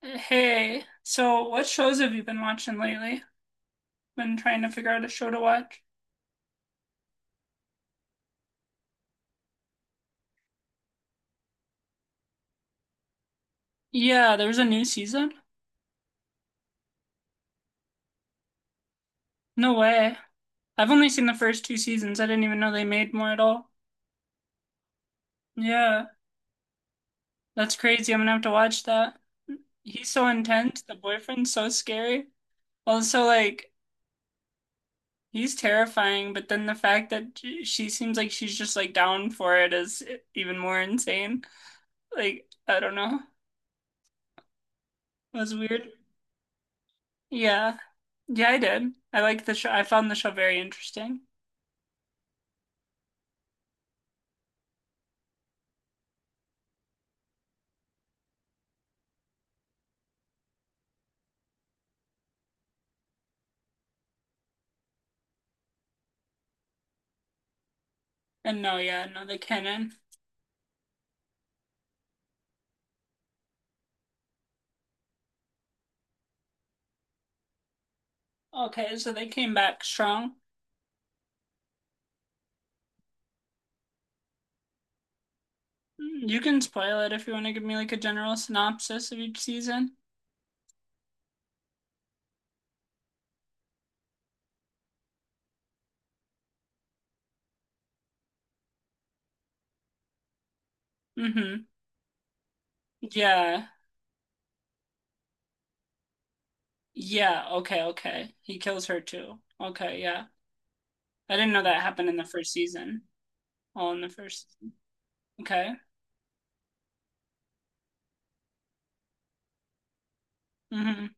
Hey, so what shows have you been watching lately? Been trying to figure out a show to watch. Yeah, there's a new season? No way. I've only seen the first two seasons. I didn't even know they made more at all. Yeah, that's crazy. I'm gonna have to watch that. He's so intense. The boyfriend's so scary. Also, like, he's terrifying, but then the fact that she seems like she's just like down for it is even more insane. Like, I don't know. It was weird. Yeah. Yeah, I did. I like the show. I found the show very interesting. And no, yeah, no, they canon. Okay, so they came back strong. Mm, you can spoil it if you want to give me like a general synopsis of each season. Mm-hmm. Yeah. Yeah, okay, okay, he kills her too. Okay, yeah, I didn't know that happened in the first season. All in the first. Okay. Mm-hmm.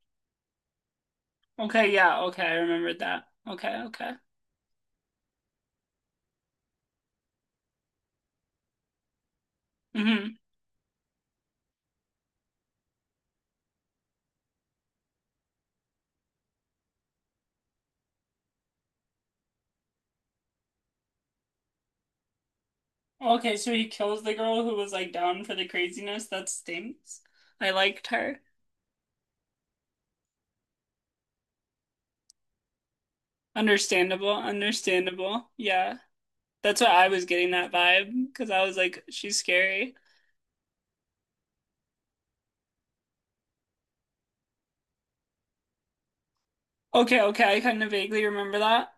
Okay, yeah, okay, I remembered that. Okay, okay. Mm-hmm. Okay, so he kills the girl who was like down for the craziness. That stinks. I liked her. Understandable, understandable. Yeah. That's what I was getting that vibe because I was like, she's scary. Okay, okay, I kind of vaguely remember that.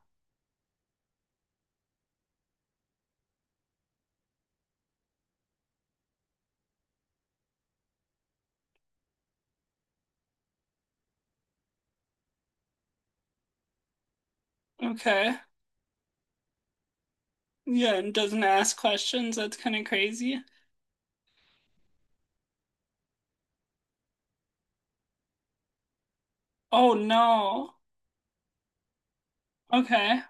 Okay. Yeah, and doesn't ask questions. That's kind of crazy. Oh no. Okay.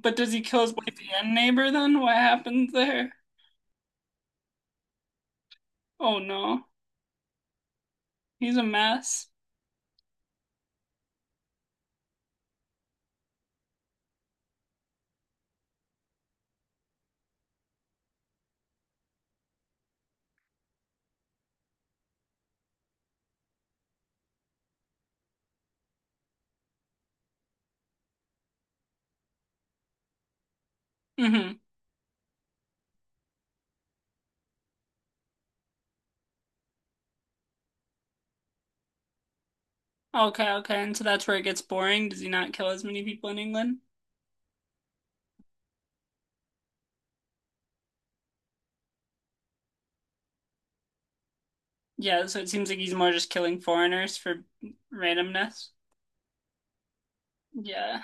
But does he kill his wife and neighbor then? What happens there? Oh no. He's a mess. Hmm. Okay, okay. And so that's where it gets boring. Does he not kill as many people in England? Yeah, so it seems like he's more just killing foreigners for randomness. Yeah.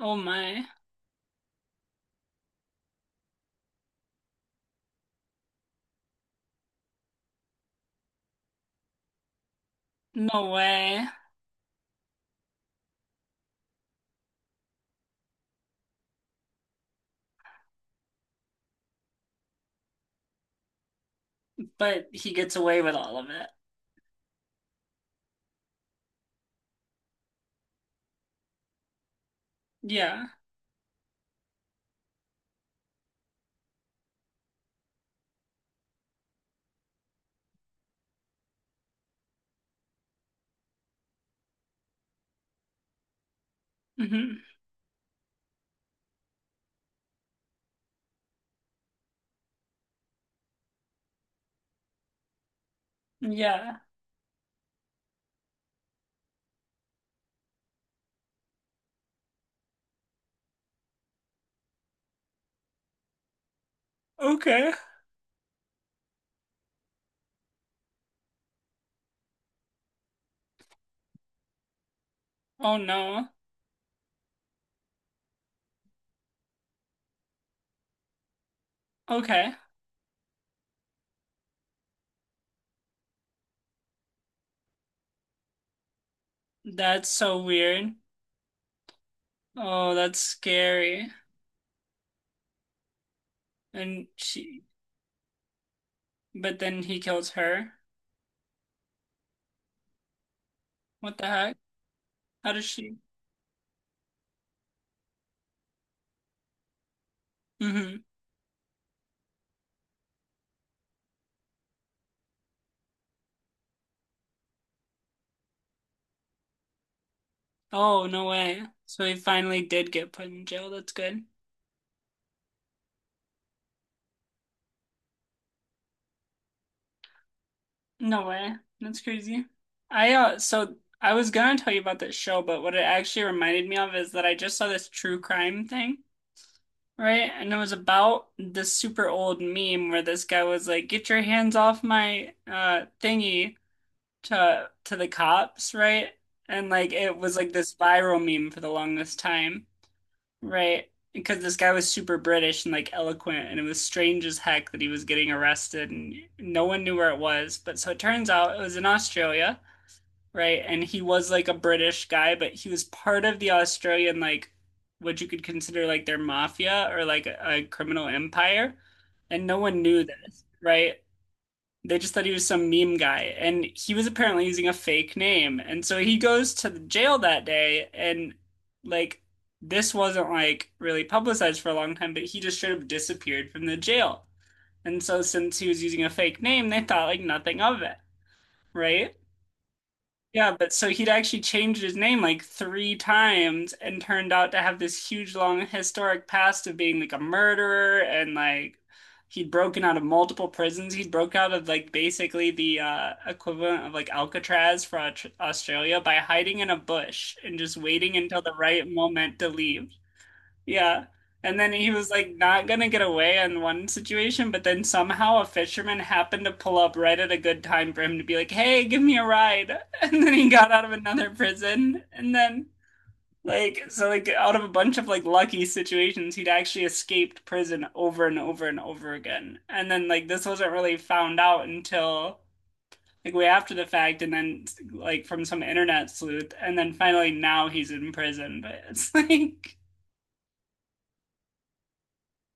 Oh my. No way. But he gets away with all of it. Yeah. Hmm. Yeah. Okay. Oh no. Okay. That's so weird. Oh, that's scary. And she, but then he kills her. What the heck? How does she? Hmm. Oh, no way. So he finally did get put in jail. That's good. No way. That's crazy. I so I was gonna tell you about this show, but what it actually reminded me of is that I just saw this true crime thing, right? And it was about this super old meme where this guy was like, "Get your hands off my thingy" to the cops, right? And like it was like this viral meme for the longest time. Right. Because this guy was super British and like eloquent, and it was strange as heck that he was getting arrested and no one knew where it was. But so it turns out it was in Australia, right? And he was like a British guy, but he was part of the Australian, like what you could consider like their mafia or like a criminal empire. And no one knew this, right? They just thought he was some meme guy, and he was apparently using a fake name. And so he goes to the jail that day, and like this wasn't like really publicized for a long time, but he just straight up disappeared from the jail. And so since he was using a fake name, they thought like nothing of it, right? Yeah, but so he'd actually changed his name like three times and turned out to have this huge long historic past of being like a murderer and like he'd broken out of multiple prisons. He'd broke out of like basically the equivalent of like Alcatraz for Australia by hiding in a bush and just waiting until the right moment to leave. Yeah. And then he was like not gonna get away in one situation, but then somehow a fisherman happened to pull up right at a good time for him to be like, "Hey, give me a ride." And then he got out of another prison. And then like so like out of a bunch of like lucky situations, he'd actually escaped prison over and over and over again. And then like this wasn't really found out until like way after the fact and then like from some internet sleuth and then finally now he's in prison. But it's like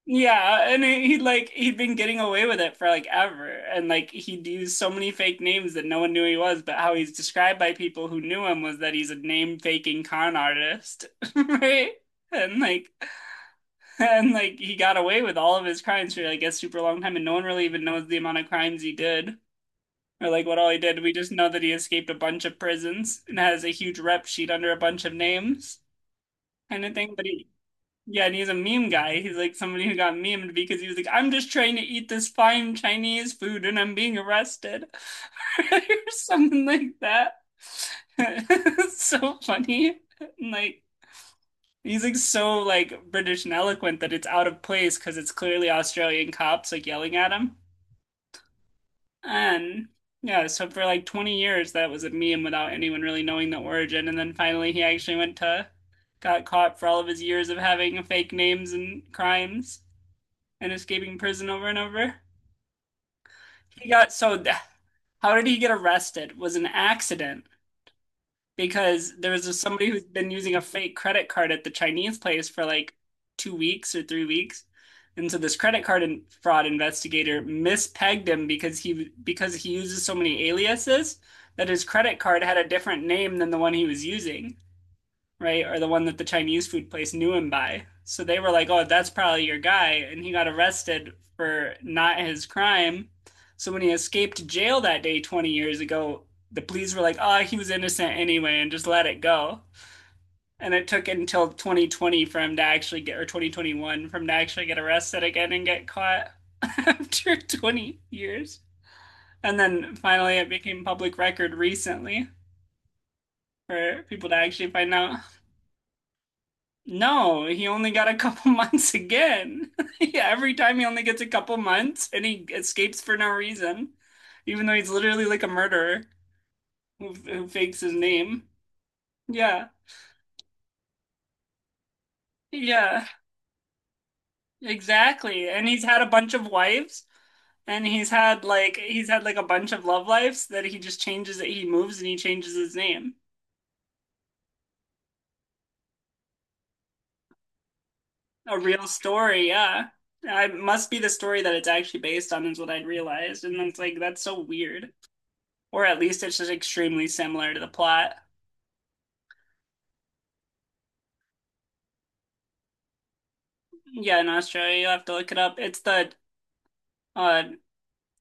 yeah, and he like he'd been getting away with it for like ever, and like he'd used so many fake names that no one knew he was. But how he's described by people who knew him was that he's a name faking con artist, right? And like, and like he got away with all of his crimes for like a super long time, and no one really even knows the amount of crimes he did or like what all he did. We just know that he escaped a bunch of prisons and has a huge rep sheet under a bunch of names, kind of thing. But he yeah, and he's a meme guy. He's like somebody who got memed because he was like, I'm just trying to eat this fine Chinese food and I'm being arrested. Or something like that. It's so funny. And, like he's like so like British and eloquent that it's out of place because it's clearly Australian cops like yelling at him. And yeah, so for like 20 years that was a meme without anyone really knowing the origin. And then finally he actually went to got caught for all of his years of having fake names and crimes and escaping prison over and over. He got how did he get arrested? It was an accident because there was a, somebody who's been using a fake credit card at the Chinese place for like 2 weeks or 3 weeks. And so this credit card fraud investigator mispegged him because he uses so many aliases that his credit card had a different name than the one he was using. Right, or the one that the Chinese food place knew him by. So they were like, "Oh, that's probably your guy," and he got arrested for not his crime. So when he escaped jail that day 20 years ago, the police were like, "Oh, he was innocent anyway," and just let it go. And it took until 2020 for him to actually get, or 2021 for him to actually get arrested again and get caught after 20 years. And then finally, it became public record recently for people to actually find out. No, he only got a couple months again. Yeah, every time he only gets a couple months and he escapes for no reason, even though he's literally like a murderer who fakes his name. Yeah, yeah, exactly. And he's had a bunch of wives and he's had like a bunch of love lives that he just changes it. He moves and he changes his name. A real story, yeah. It must be the story that it's actually based on is what I'd realized. And it's like, that's so weird. Or at least it's just extremely similar to the plot. Yeah, in Australia, you'll have to look it up. It's the uh,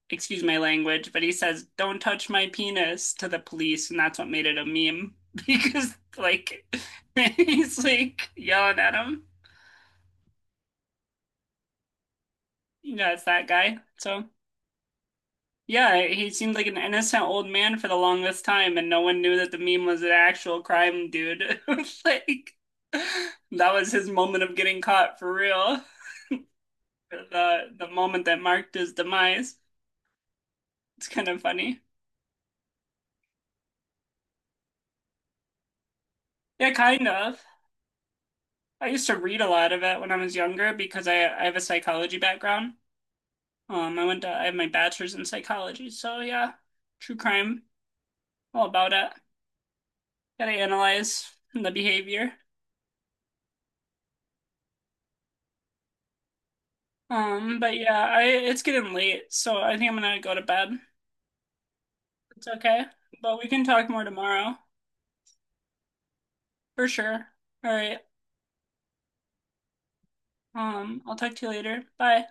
excuse my language, but he says, "Don't touch my penis" to the police, and that's what made it a meme because, like, he's like yelling at him. Yeah, it's that guy. So, yeah, he seemed like an innocent old man for the longest time, and no one knew that the meme was an actual crime dude. Like, that was his moment of getting caught for real. The moment that marked his demise. It's kind of funny. Yeah, kind of. I used to read a lot of it when I was younger because I have a psychology background. I went to I have my bachelor's in psychology, so yeah, true crime, all about it. Gotta analyze the behavior. But yeah, I it's getting late, so I think I'm gonna go to bed. It's okay, but we can talk more tomorrow for sure. All right. I'll talk to you later. Bye.